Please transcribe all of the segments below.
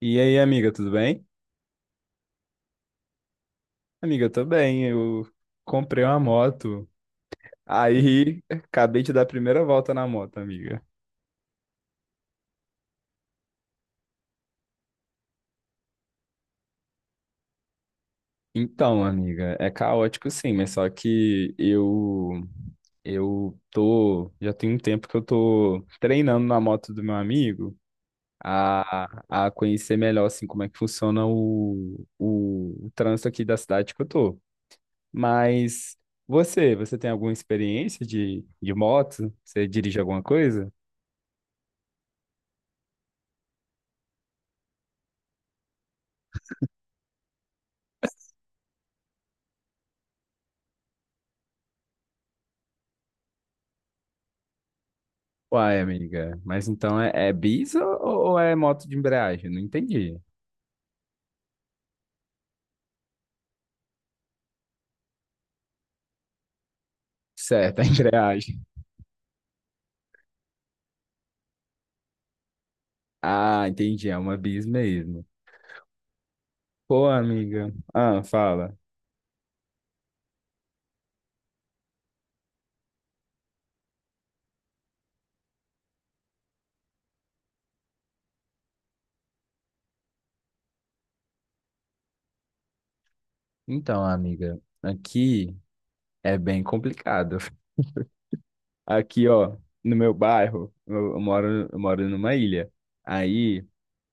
E aí, amiga, tudo bem? Amiga, eu tô bem. Eu comprei uma moto. Aí, acabei de dar a primeira volta na moto, amiga. Então, amiga, é caótico sim, mas só que eu tô, já tem um tempo que eu tô treinando na moto do meu amigo a conhecer melhor assim como é que funciona o trânsito aqui da cidade que eu tô. Mas você tem alguma experiência de moto? Você dirige alguma coisa? Uai, amiga, mas então é bis ou é moto de embreagem? Não entendi. Certo, é embreagem. Ah, entendi, é uma bis mesmo. Pô, amiga. Ah, fala. Então, amiga, aqui é bem complicado. Aqui, ó, no meu bairro, eu moro numa ilha. Aí,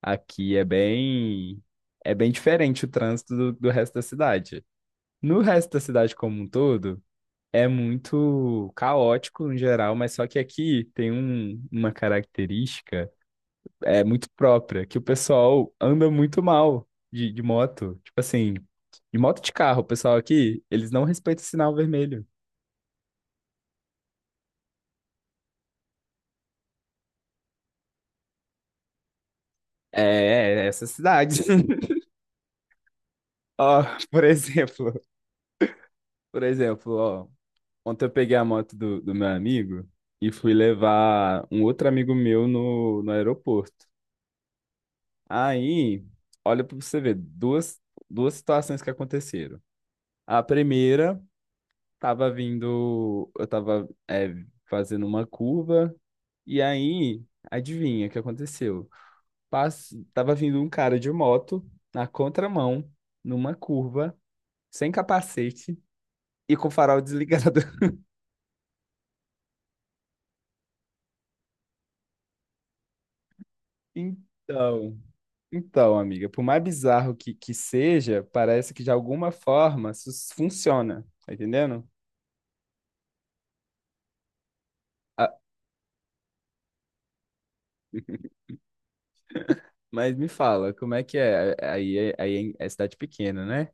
aqui é bem diferente o trânsito do resto da cidade. No resto da cidade como um todo, é muito caótico em geral, mas só que aqui tem uma característica é muito própria, que o pessoal anda muito mal de moto. Tipo assim, de moto de carro, o pessoal aqui, eles não respeitam o sinal vermelho. É, é essa cidade. Ó, por exemplo, por exemplo, ó, ontem eu peguei a moto do meu amigo e fui levar um outro amigo meu no aeroporto. Aí, olha pra você ver, duas situações que aconteceram. A primeira tava vindo, eu tava fazendo uma curva e aí, adivinha o que aconteceu? Tava vindo um cara de moto na contramão, numa curva, sem capacete e com o farol desligado. Então, então, amiga, por mais bizarro que seja, parece que de alguma forma isso funciona, tá entendendo? Ah, mas me fala, como é que é? Aí, é cidade pequena, né?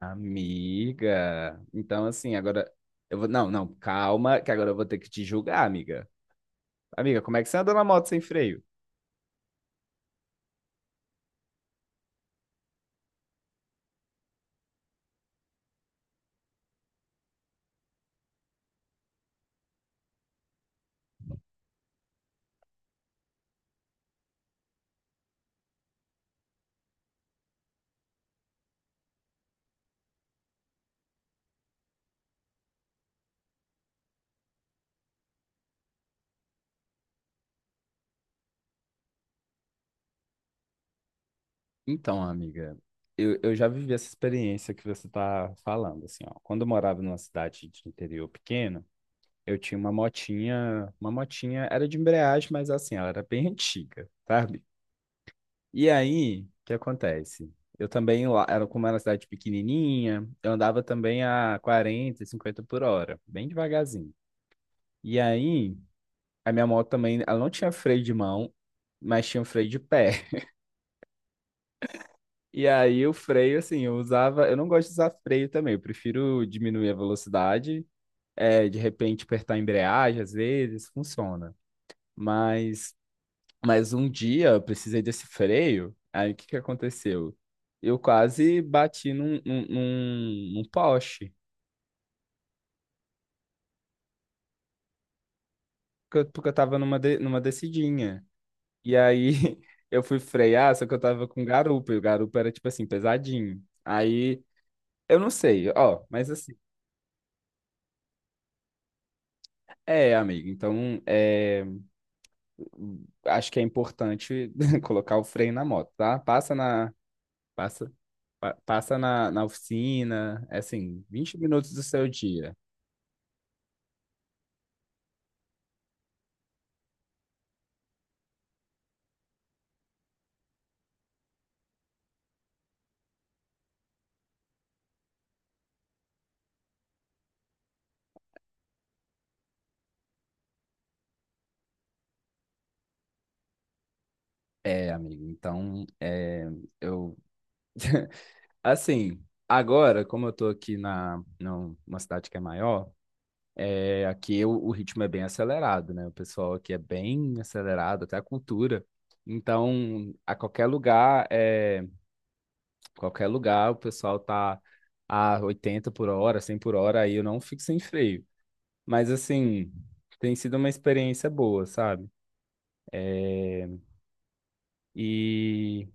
Amiga, então assim, agora eu vou. Não, não, calma, que agora eu vou ter que te julgar, amiga. Amiga, como é que você anda na moto sem freio? Então, amiga, eu já vivi essa experiência que você tá falando, assim, ó. Quando eu morava numa cidade de interior pequeno, eu tinha uma motinha, era de embreagem, mas assim, ela era bem antiga, sabe? E aí, o que acontece? Eu também, lá, era como era uma cidade pequenininha, eu andava também a 40, 50 por hora, bem devagarzinho. E aí, a minha moto também, ela não tinha freio de mão, mas tinha um freio de pé. E aí, o freio, assim, eu usava. Eu não gosto de usar freio também, eu prefiro diminuir a velocidade, de repente apertar a embreagem, às vezes, funciona. Mas, mas um dia eu precisei desse freio, aí o que que aconteceu? Eu quase bati num poste, porque eu tava numa descidinha. E aí eu fui frear, só que eu tava com garupa, e o garupa era, tipo assim, pesadinho. Aí, eu não sei, ó, mas assim, é, amigo, então, acho que é importante colocar o freio na moto, tá? Passa, passa na oficina, é assim, 20 minutos do seu dia. É, amigo, então, eu, assim, agora, como eu tô aqui numa cidade que é maior, é, aqui o ritmo é bem acelerado, né? O pessoal aqui é bem acelerado, até a cultura. Então, a qualquer lugar, é, qualquer lugar, o pessoal tá a 80 por hora, 100 por hora, aí eu não fico sem freio. Mas, assim, tem sido uma experiência boa, sabe? É, e,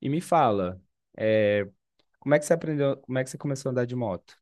e me fala, é, como é que você começou a andar de moto?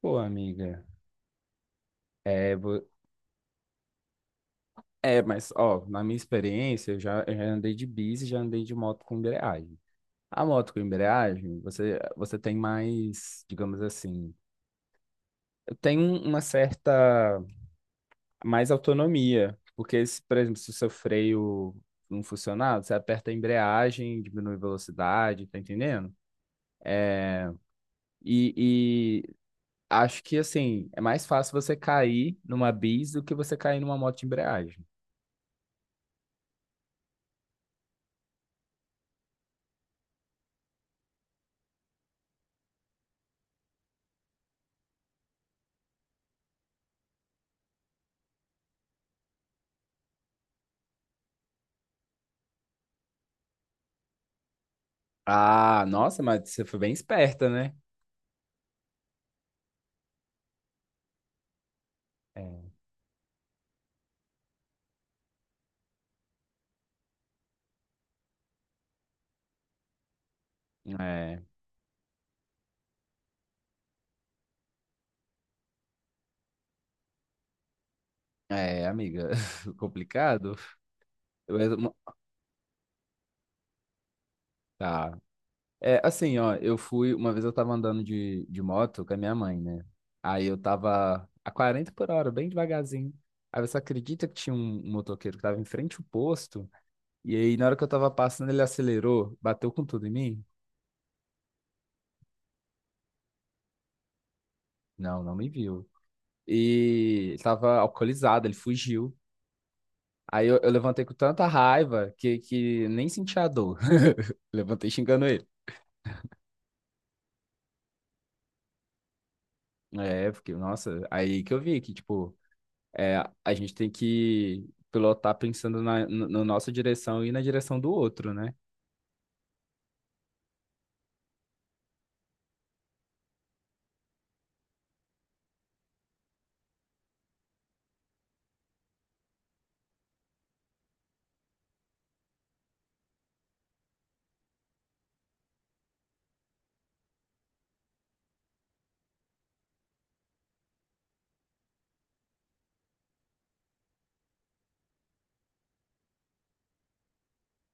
Pô, amiga, é, mas, ó, na minha experiência, eu já andei de bis e já andei de moto com embreagem. A moto com embreagem, você tem mais, digamos assim, tem uma certa mais autonomia. Porque, se, por exemplo, se o seu freio não funcionar, você aperta a embreagem, diminui a velocidade, tá entendendo? É, e acho que, assim, é mais fácil você cair numa bis do que você cair numa moto de embreagem. Ah, nossa, mas você foi bem esperta, né? É. É, é, amiga, complicado. Eu era tá. É, assim, ó, eu fui, uma vez eu tava andando de moto com a minha mãe, né? Aí eu tava a 40 por hora, bem devagarzinho. Aí você acredita que tinha um motoqueiro que tava em frente ao posto? E aí, na hora que eu tava passando, ele acelerou, bateu com tudo em mim? Não, não me viu. E tava alcoolizado, ele fugiu. Aí eu levantei com tanta raiva que nem senti a dor. Levantei xingando ele. É, porque, nossa, aí que eu vi que, tipo, é, a gente tem que pilotar pensando na, no- na nossa direção e na direção do outro, né?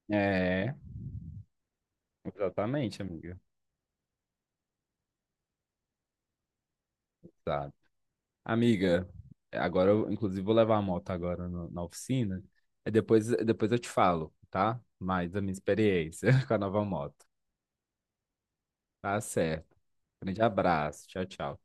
É, exatamente, amiga. Tá. Amiga, agora eu, inclusive, vou levar a moto agora na oficina. E depois eu te falo, tá? Mais a minha experiência com a nova moto. Tá certo. Grande abraço. Tchau, tchau.